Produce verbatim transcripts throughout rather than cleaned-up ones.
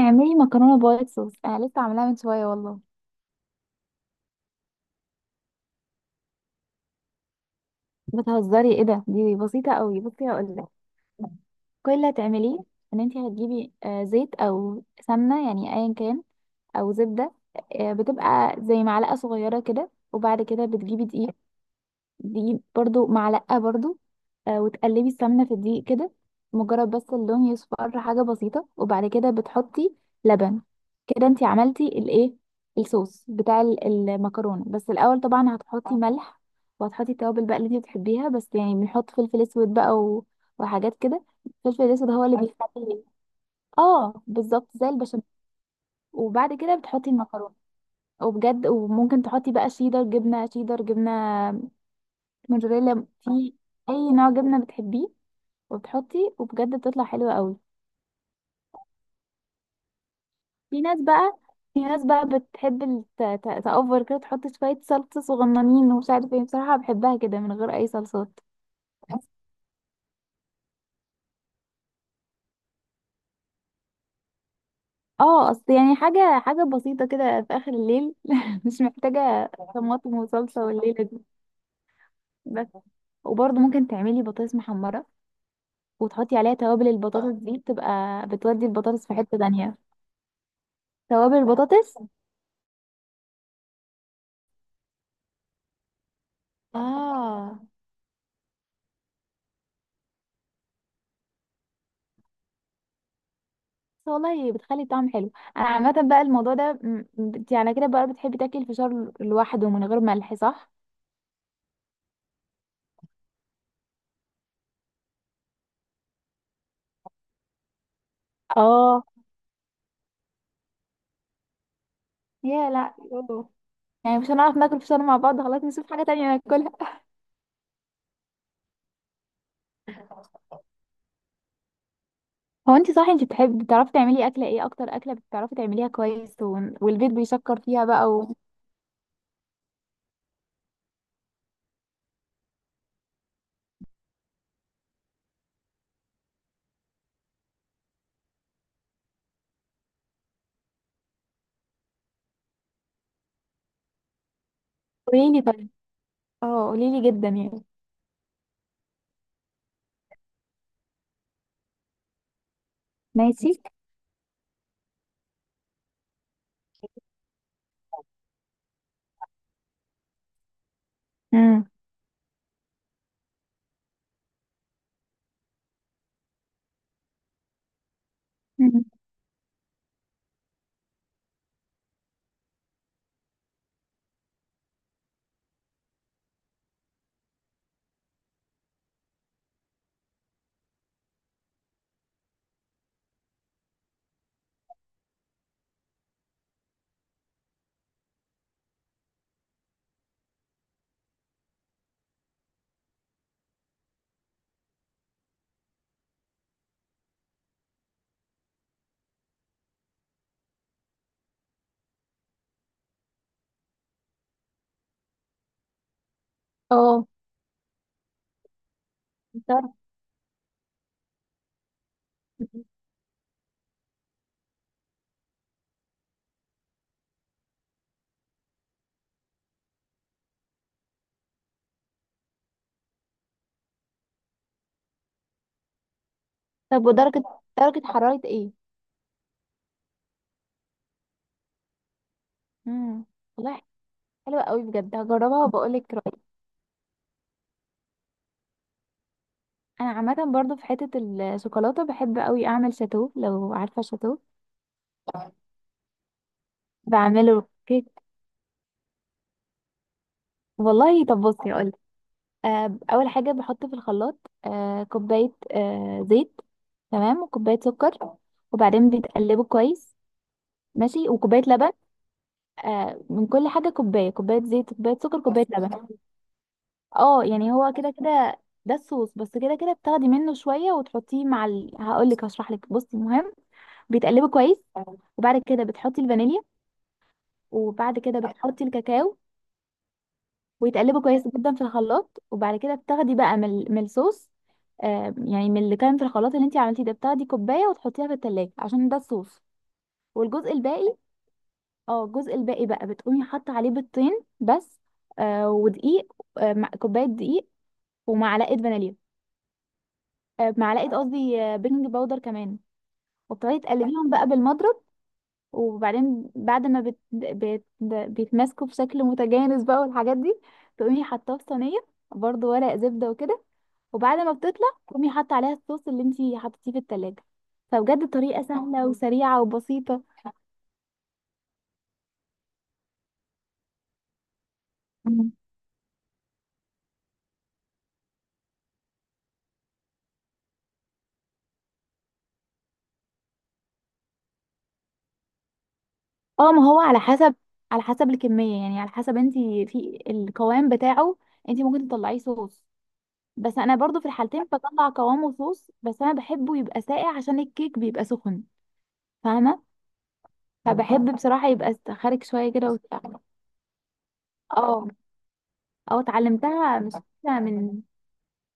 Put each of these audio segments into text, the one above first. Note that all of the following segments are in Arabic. اعملي مكرونه وايت صوص. انا لسه عاملاها من شويه والله. بتهزري؟ ايه ده، دي بسيطه قوي. بصي هقول لك كل اللي هتعمليه. ان انت هتجيبي آه، زيت او سمنه، يعني ايا كان، او زبده. آه، بتبقى زي معلقه صغيره كده، وبعد كده بتجيبي دقيق، دي برضو معلقة برضو. آه وتقلبي السمنة في الدقيق كده، مجرد بس اللون يصفر، حاجة بسيطة. وبعد كده بتحطي لبن. كده انتي عملتي الايه، الصوص بتاع ال- المكرونة. بس الأول طبعا هتحطي ملح، وهتحطي التوابل بقى اللي انتي بتحبيها. بس يعني بنحط فلفل اسود بقى و... وحاجات كده. الفلفل الاسود هو اللي بيخلي. اه بالظبط زي البشاميل. وبعد كده بتحطي المكرونة. وبجد وممكن تحطي بقى شيدر، جبنة شيدر، جبنة موتزاريلا، في اي نوع جبنه بتحبيه. وبتحطي وبجد بتطلع حلوه قوي. في ناس بقى في ناس بقى بتحب ال- ت- ت- تأوفر كده، تحط شويه صلصه صغننين ومش عارف ايه. بصراحه بحبها كده من غير اي صلصات. اه اصل يعني حاجه حاجه بسيطه كده في اخر الليل مش محتاجه طماطم وصلصه والليله دي. بس وبرضه ممكن تعملي بطاطس محمره وتحطي عليها توابل. البطاطس دي بتبقى بتودي البطاطس في حته تانية. توابل البطاطس، اه والله بتخلي الطعم حلو. انا عامه بقى الموضوع ده م- انت على كده بقى بتحبي تاكلي الفشار لوحده من غير ملح، صح؟ اه يا لا أوه. يعني مش هنعرف ناكل فشار مع بعض، خلاص نشوف حاجه تانية ناكلها. هو انت صح، انت بتحبي، بتعرفي تعملي اكله ايه اكتر؟ اكله بتعرفي تعمليها كويس و... والبيت بيشكر فيها بقى و-. قولي لي طيب، اه قولي لي جدا يعني. ماشي. امم أمم. اه درجة- طب ودرجه، درجه حراره ايه؟ امم والله حلوه قوي بجد، هجربها وبقول لك. انا عامه برضو في حته، الشوكولاته بحب قوي اعمل شاتو، لو عارفه شاتو. بعمله كيك. والله طب بصي اقول. اول حاجه بحط في الخلاط آه، كوبايه، آه، زيت. تمام، وكوبايه سكر، وبعدين بتقلبه كويس. ماشي، وكوبايه لبن. آه، من كل حاجه كوبايه، كوبايه زيت، كوبايه سكر، كوبايه لبن. اه يعني هو كده كده. ده الصوص، بس كده كده بتاخدي منه شويه وتحطيه مع ال... هقول لك هشرح لك، بصي المهم. بتقلبه كويس، وبعد كده بتحطي الفانيليا، وبعد كده بتحطي الكاكاو، ويتقلبوا كويس جدا في الخلاط. وبعد كده بتاخدي بقى من ال- من الصوص، آه، يعني من اللي كان في الخلاط اللي انت عملتيه ده، بتاخدي كوبايه وتحطيها في التلاجة، عشان ده الصوص. والجزء الباقي، اه الجزء الباقي بقى بتقومي حاطه عليه بيضتين بس، آه ودقيق، آه مع- كوبايه دقيق، ومعلقه فانيليا، آه معلقه، قصدي آه بيكنج باودر كمان. وبتقعدي تقلبيهم بقى بالمضرب، وبعدين بعد ما بت... بت... بيتماسكوا بشكل متجانس بقى والحاجات دي، تقومي حاطاه في صينيه، برضو ورق زبده وكده. وبعد ما بتطلع تقومي حاطه عليها الصوص اللي انتي حطيتيه في التلاجة. فبجد طريقه سهله آه. وسريعه وبسيطه. مم. اه ما هو على حسب، على حسب الكميه، يعني على حسب انتي في القوام بتاعه. انتي ممكن تطلعيه صوص، بس انا برضو في الحالتين بطلع قوامه صوص، بس انا بحبه يبقى ساقع عشان الكيك بيبقى سخن. فاهمه؟ فبحب بصراحه يبقى خارج شويه كده. اه اه اتعلمتها مش فاكرة من،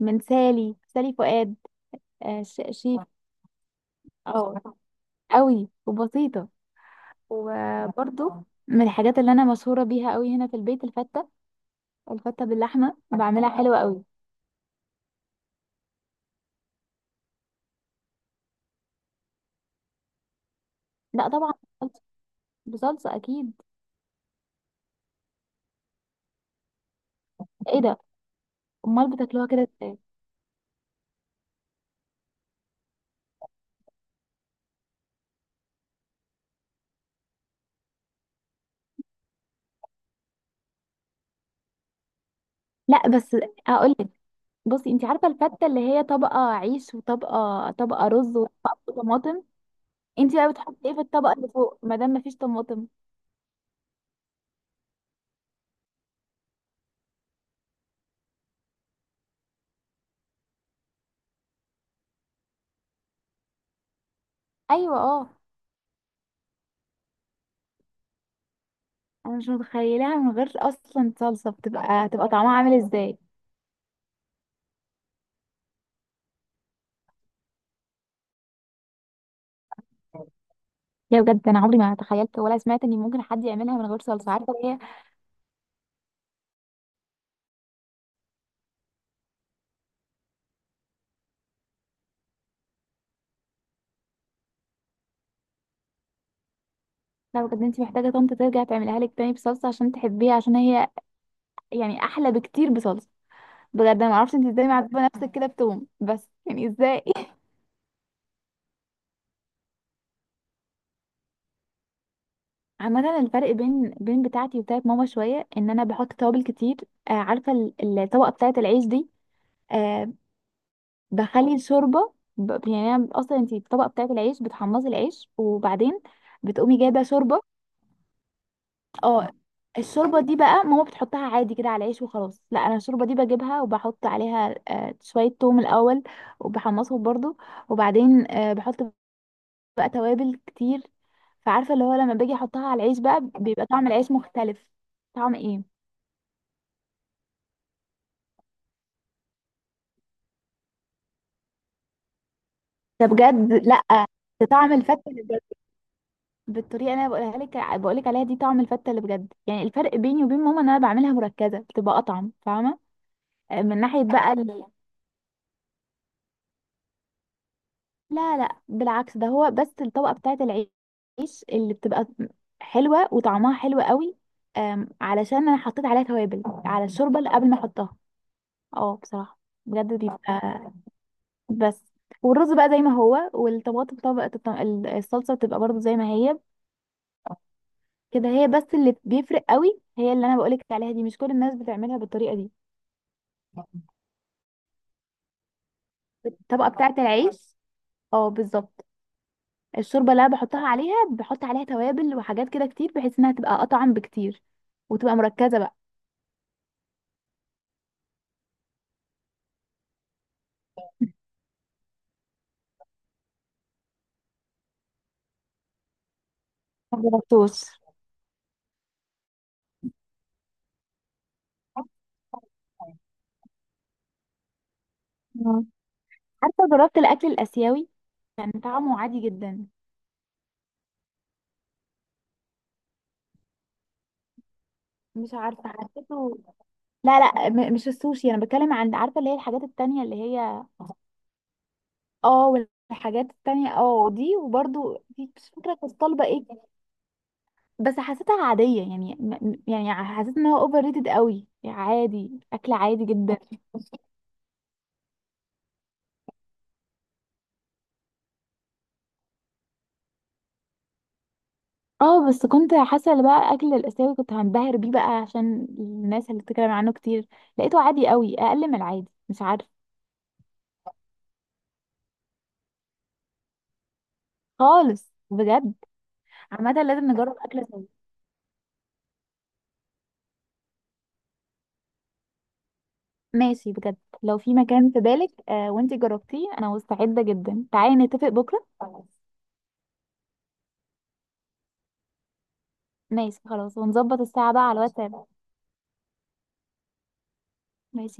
من سالي، سالي فؤاد. آه، ش- شيف. اه قوي وبسيطة. وبرضو من الحاجات اللي انا مشهورة بيها قوي هنا في البيت الفتة. الفتة باللحمة بعملها حلوة قوي. لا طبعا، بصلصة، بصلصة اكيد. ايه ده، امال بتاكلوها كده ازاي؟ لا بس اقول لك، بصي انت عارفة الفتة اللي هي طبقة عيش وطبقة، طبقة رز، وطبقة طماطم. انت بقى بتحطي ايه في الطبقة اللي فوق ما دام مفيش طماطم؟ ايوه اه. انا مش متخيلاها من غير اصلا صلصه، بتبقى تبقى طعمها عامل ازاي؟ يا بجد انا عمري ما تخيلت ولا سمعت ان ممكن حد يعملها من غير صلصه، عارفه هي. لا بجد انت محتاجه طنط ترجع تعملها لك تاني بصلصه عشان تحبيها، عشان هي يعني احلى بكتير بصلصه. بجد انا ما اعرفش انت ازاي معذبه نفسك كده بتوم بس، يعني ازاي عامة الفرق بين بين بتاعتي وبتاعت ماما شوية، ان انا بحط توابل كتير. آه عارفة ال- الطبقة بتاعت العيش دي، آه، بخلي الشوربه ب- يعني انا اصلا انت الطبقه بتاعت العيش بتحمصي العيش وبعدين بتقومي جايبه شوربه. اه الشوربه دي بقى ماما بتحطها عادي كده على العيش وخلاص. لا انا الشوربه دي بجيبها وبحط عليها آه، شويه توم الاول، وبحمصهم برضو، وبعدين آه، بحط بقى توابل كتير. فعارفه اللي هو لما باجي احطها على العيش بقى بيبقى طعم العيش مختلف. طعم ايه، ده بجد لا، ده طعم الفتة. بالطريقه اللي انا بقولها لك، بقول لك عليها دي طعم الفته اللي بجد. يعني الفرق بيني وبين ماما ان انا بعملها مركزه، بتبقى اطعم فاهمه. آه، من ناحيه بقى ال... لا لا، بالعكس ده هو، بس الطبقه بتاعه العيش اللي بتبقى حلوه وطعمها حلو قوي، آم، علشان انا حطيت عليها توابل، على الشوربه اللي قبل ما احطها. اه بصراحه بجد بيبقى، بس. والرز بقى زي ما هو، والطماطم طبقه الطم- ال- الصلصه بتبقى برضو زي ما هي. كده هي بس اللي بيفرق قوي، هي اللي انا بقولك عليها دي، مش كل الناس بتعملها بالطريقه دي. الطبقه بتاعه العيش، اه بالظبط. الشوربه اللي انا بحطها عليها بحط عليها توابل وحاجات كده كتير، بحيث انها تبقى اطعم بكتير وتبقى مركزه بقى. ما جربتوش. مم. عارفه جربت الاكل الاسيوي، كان طعمه عادي جدا، مش عارفه حسيته. لا لا، م- مش السوشي، انا بتكلم عن، عارفه اللي هي الحاجات التانية اللي هي. اه والحاجات التانية اه دي، وبرده في مش فاكره كنت طالبه ايه. بس حسيتها عادية، يعني م- م- يعني حسيت ان هو اوفر ريتد قوي، عادي اكل عادي جدا. اه بس كنت حاسة اللي بقى اكل الاسيوي كنت هنبهر بيه بقى عشان الناس اللي بتتكلم عنه كتير، لقيته عادي قوي، اقل من العادي مش عارفة، خالص بجد. عامة لازم نجرب اكل سوا. ماشي بجد، لو في مكان في بالك آه وانتي جربتيه، انا مستعدة جدا، تعالي نتفق بكرة خلاص. ماشي خلاص، ونظبط الساعة بقى على الواتساب. ماشي